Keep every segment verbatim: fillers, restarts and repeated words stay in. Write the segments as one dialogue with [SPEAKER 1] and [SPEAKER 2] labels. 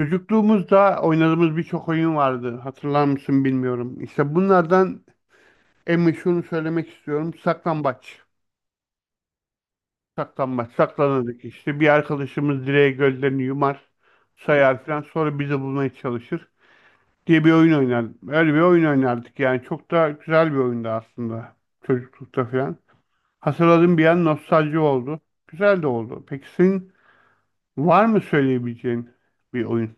[SPEAKER 1] Çocukluğumuzda oynadığımız birçok oyun vardı. Hatırlar mısın bilmiyorum. İşte bunlardan en meşhurunu söylemek istiyorum. Saklambaç. Saklambaç. Saklanırdık işte. Bir arkadaşımız direğe gözlerini yumar, sayar falan. Sonra bizi bulmaya çalışır diye bir oyun oynardık. Öyle bir oyun oynardık yani. Çok da güzel bir oyundu aslında. Çocuklukta falan. Hatırladığım bir an nostalji oldu. Güzel de oldu. Peki senin var mı söyleyebileceğin bir oyun?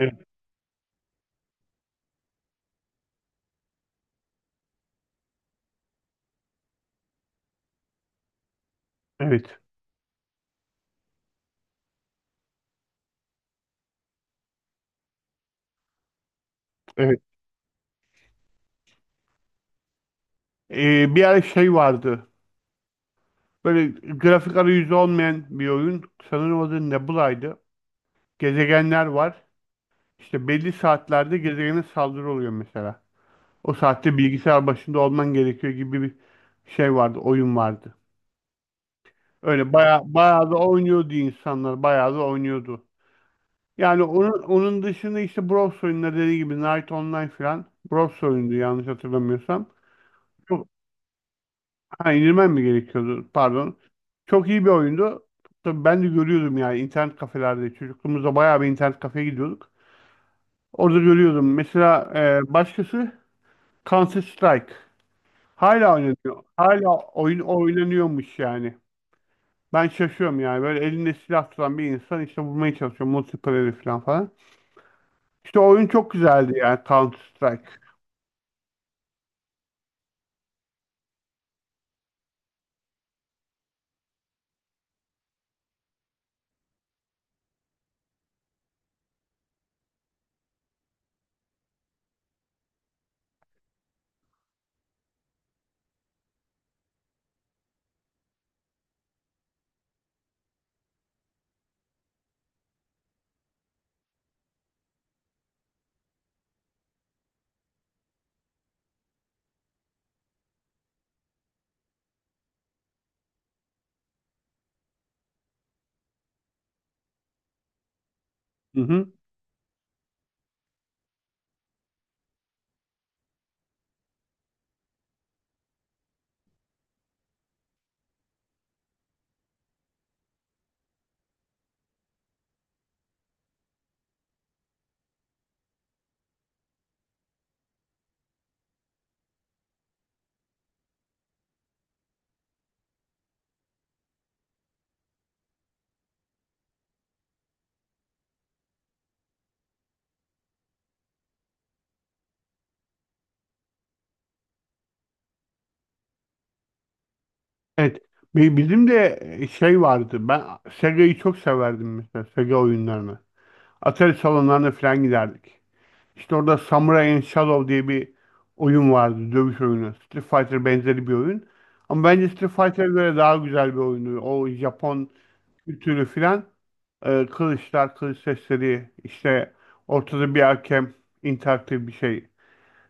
[SPEAKER 1] Evet. Evet. Evet. Ee, bir ara şey vardı. Böyle grafik arayüzü olmayan bir oyun. Sanırım adı Nebula'ydı. Gezegenler var. İşte belli saatlerde gezegene saldırı oluyor mesela. O saatte bilgisayar başında olman gerekiyor gibi bir şey vardı, oyun vardı. Öyle bayağı, bayağı da oynuyordu insanlar, bayağı da oynuyordu. Yani onun, onun dışında işte Bros oyunları dediği gibi Night Online falan Bros oyundu yanlış hatırlamıyorsam. Çok Ha, indirmem mi gerekiyordu? Pardon. Çok iyi bir oyundu. Tabii ben de görüyordum yani internet kafelerde. Çocukluğumuzda bayağı bir internet kafeye gidiyorduk. Orada görüyordum. Mesela e, başkası Counter Strike. Hala oynanıyor. Hala oyun oynanıyormuş yani. Ben şaşıyorum yani. Böyle elinde silah tutan bir insan işte vurmaya çalışıyor. Multiplayer falan falan. İşte oyun çok güzeldi yani Counter Strike. Hı hı. Evet. Bi- Bizim de şey vardı. Ben Sega'yı çok severdim mesela. Sega oyunlarını. Atari salonlarına falan giderdik. İşte orada Samurai and Shadow diye bir oyun vardı. Dövüş oyunu. Street Fighter benzeri bir oyun. Ama bence Street Fighter'a göre daha güzel bir oyundu. O Japon kültürü filan, e, kılıçlar, kılıç sesleri. İşte ortada bir hakem, interaktif bir şey,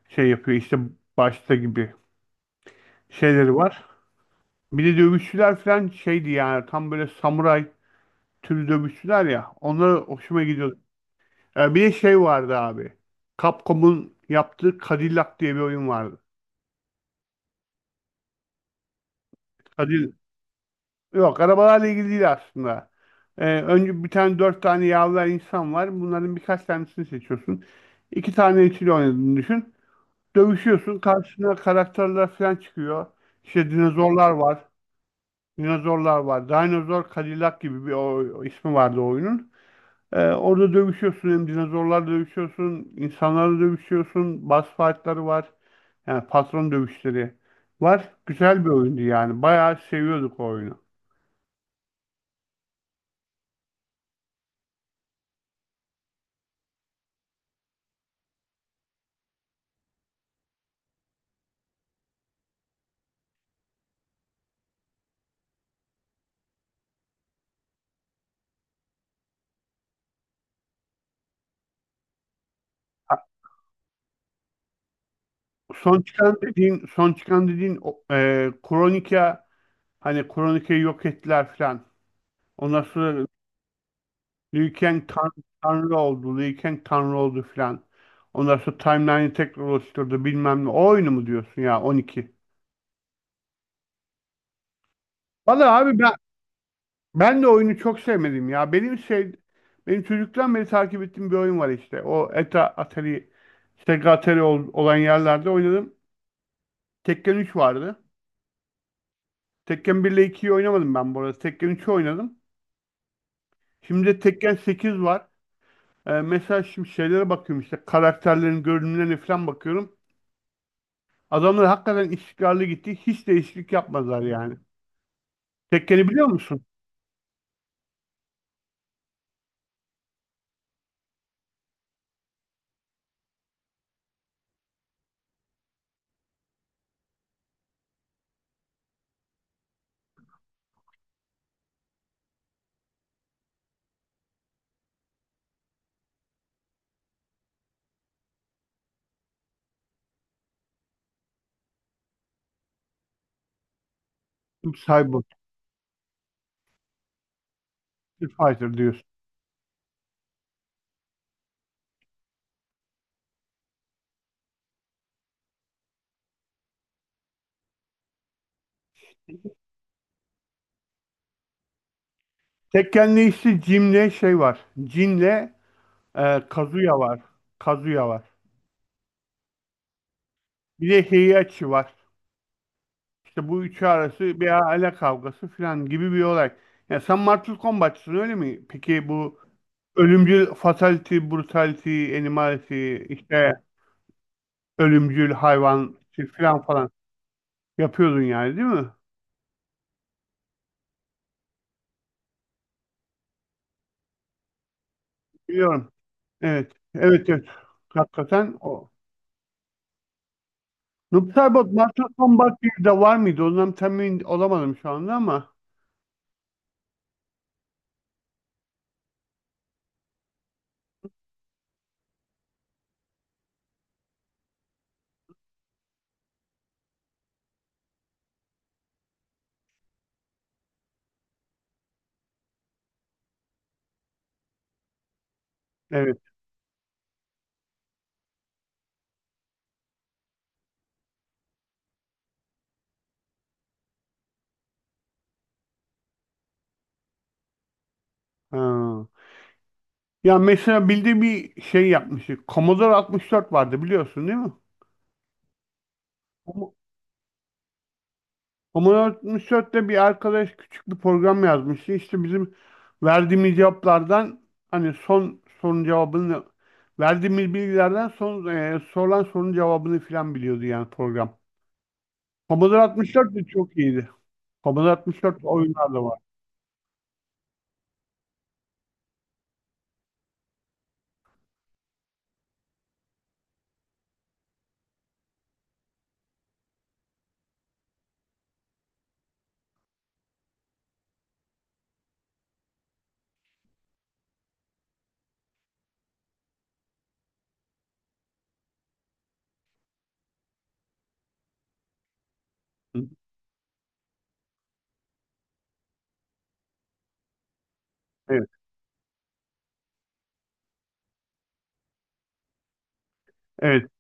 [SPEAKER 1] şey yapıyor. İşte başta gibi şeyleri var. Bir de dövüşçüler filan şeydi yani. Tam böyle samuray türü dövüşçüler ya. Onlara hoşuma gidiyordu. E, bir de şey vardı abi. Capcom'un yaptığı Cadillac diye bir oyun vardı. Cadillac. Yok, arabalarla ilgili değil aslında. E, önce bir tane, dört tane yavru insan var. Bunların birkaç tanesini seçiyorsun. İki tane ikili oynadığını düşün. Dövüşüyorsun. Karşına karakterler falan çıkıyor. İşte dinozorlar var. Dinozorlar var. Dinozor Cadillac gibi bir o, o ismi vardı o oyunun. Ee, orada dövüşüyorsun, hem dinozorlarla dövüşüyorsun, insanlarla dövüşüyorsun, boss fight'ları var. Yani patron dövüşleri var. Güzel bir oyundu yani. Bayağı seviyorduk o oyunu. Son çıkan dediğin, son çıkan dediğin o- e, Kronika, hani Kronika'yı yok ettiler filan. Ondan sonra Liu Kang tan- tanrı oldu, Liu Kang tanrı oldu filan. Ondan sonra timeline'i tekrar oluşturdu bilmem ne. O oyunu mu diyorsun ya, on iki? Valla abi ben Ben de oyunu çok sevmedim ya. Benim şey benim çocuktan beri takip ettiğim bir oyun var işte. O E T A Atari, Sega Atari ol- olan yerlerde oynadım. Tekken üç vardı. Tekken bir ile ikiyi oynamadım ben bu arada. Tekken üçü oynadım. Şimdi de Tekken sekiz var. Ee, mesela şimdi şeylere bakıyorum, işte karakterlerin görünümlerine falan bakıyorum. Adamlar hakikaten istikrarlı gitti. Hiç değişiklik yapmadılar yani. Tekken'i biliyor musun? Cyborg, Street Fighter diyorsun. Tekken'le işte Jim'le şey var. Jin'le, Ee, Kazuya var. Kazuya var. Bir de Heihachi var. İşte bu üçü arası bir aile kavgası falan gibi bir olay. Ya sen Mortal Kombat'çısın öyle mi? Peki bu ölümcül fatality, brutality, animality, işte ölümcül hayvan falan falan yapıyordun yani, değil mi? Biliyorum. Evet. Evet evet. Hakikaten o. Noob Saibot Mortal Kombat birde var mıydı? Ondan temin olamadım şu anda ama. Evet. Ha. Ya mesela bildiğim bir şey yapmıştık. Commodore altmış dört vardı, biliyorsun değil mi? Com- Commodore altmış dörtte bir arkadaş küçük bir program yazmıştı. İşte bizim verdiğimiz cevaplardan, hani son sorunun cevabını, verdiğimiz bilgilerden son e, sorulan sorunun cevabını filan biliyordu yani program. Commodore altmış dört de çok iyiydi. Commodore altmış dört oyunlar da var. Hı, evet. Evet.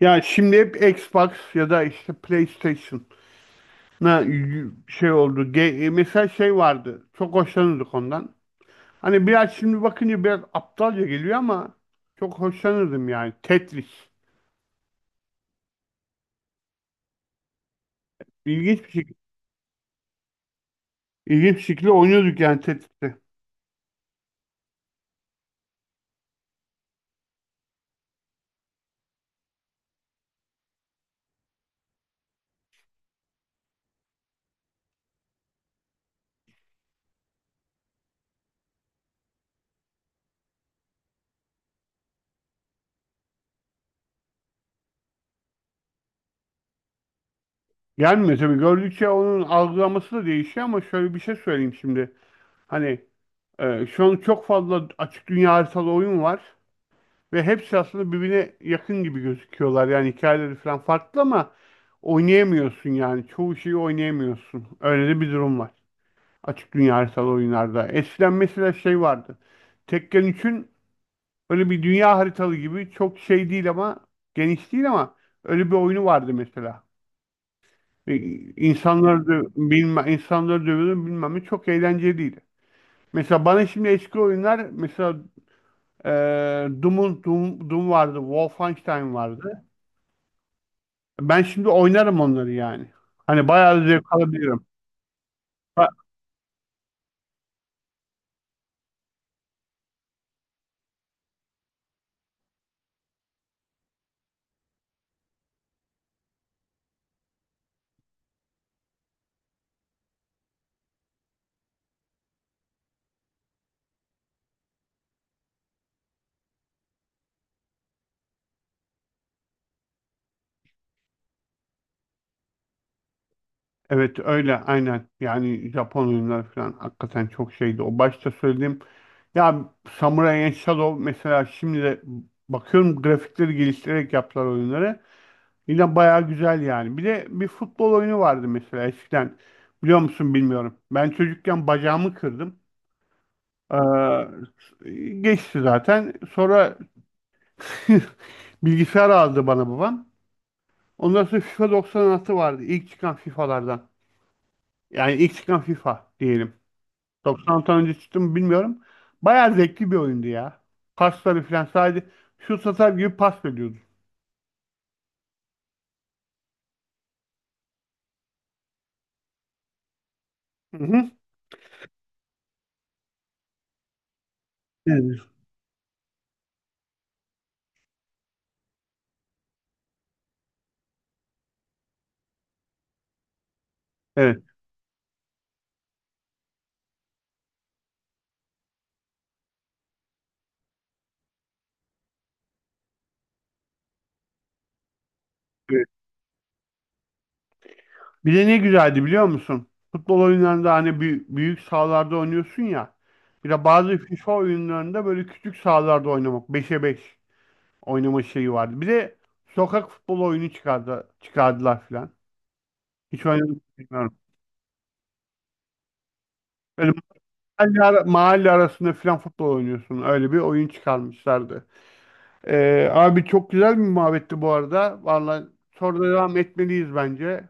[SPEAKER 1] Ya şimdi hep Xbox ya da işte PlayStation. na Şey oldu. Ge- mesela şey vardı. Çok hoşlanırdık ondan. Hani biraz şimdi bakınca biraz aptalca geliyor ama çok hoşlanırdım yani. Tetris. İlginç bir şekilde, ilginç bir şekilde oynuyorduk yani Tetris'i. Gelmiyor tabii. Gördükçe onun algılaması da değişiyor ama şöyle bir şey söyleyeyim şimdi. Hani e, şu an çok fazla açık dünya haritalı oyun var ve hepsi aslında birbirine yakın gibi gözüküyorlar. Yani hikayeleri falan farklı ama oynayamıyorsun yani. Çoğu şeyi oynayamıyorsun. Öyle de bir durum var. Açık dünya haritalı oyunlarda. Eskiden mesela şey vardı. Tekken üçün öyle bir dünya haritalı gibi çok şey değil ama, geniş değil ama, öyle bir oyunu vardı mesela. E, İnsanları dö bilme, insanları dövüyordun bilmem ne, çok eğlenceliydi. Mesela bana şimdi eski oyunlar mesela e, Doom'un Doom, Doom vardı, Wolfenstein vardı. Ben şimdi oynarım onları yani. Hani bayağı zevk alabilirim. Evet, öyle aynen. Yani Japon oyunları falan hakikaten çok şeydi. O başta söylediğim ya, Samurai and Shadow, mesela şimdi de bakıyorum grafikleri geliştirerek yaptılar oyunları. Yine bayağı güzel yani. Bir de bir futbol oyunu vardı mesela eskiden. Biliyor musun bilmiyorum. Ben çocukken bacağımı kırdım. Ee, geçti zaten. Sonra bilgisayar aldı bana babam. Ondan sonra FIFA doksan altı vardı. İlk çıkan FIFA'lardan. Yani ilk çıkan FIFA diyelim. doksan tane önce çıktı mı bilmiyorum. Bayağı zevkli bir oyundu ya. Pasları falan sadece şut atar gibi pas veriyordu. Hı hı. Evet. Evet. Evet. Bir de ne güzeldi biliyor musun? Futbol oyunlarında hani büyük, büyük sahalarda oynuyorsun ya. Bir de bazı FIFA oyunlarında böyle küçük sahalarda oynamak, beşe beş oynama şeyi vardı. Bir de sokak futbol oyunu çıkardı, çıkardılar filan. Hiç oynadım mı bilmiyorum. Böyle mahalle, ara- mahalle arasında filan futbol oynuyorsun. Öyle bir oyun çıkarmışlardı. Ee, abi çok güzel bir muhabbetti bu arada. Vallahi sonra devam etmeliyiz bence.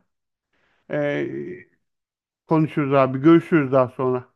[SPEAKER 1] Ee, konuşuruz abi. Görüşürüz daha sonra.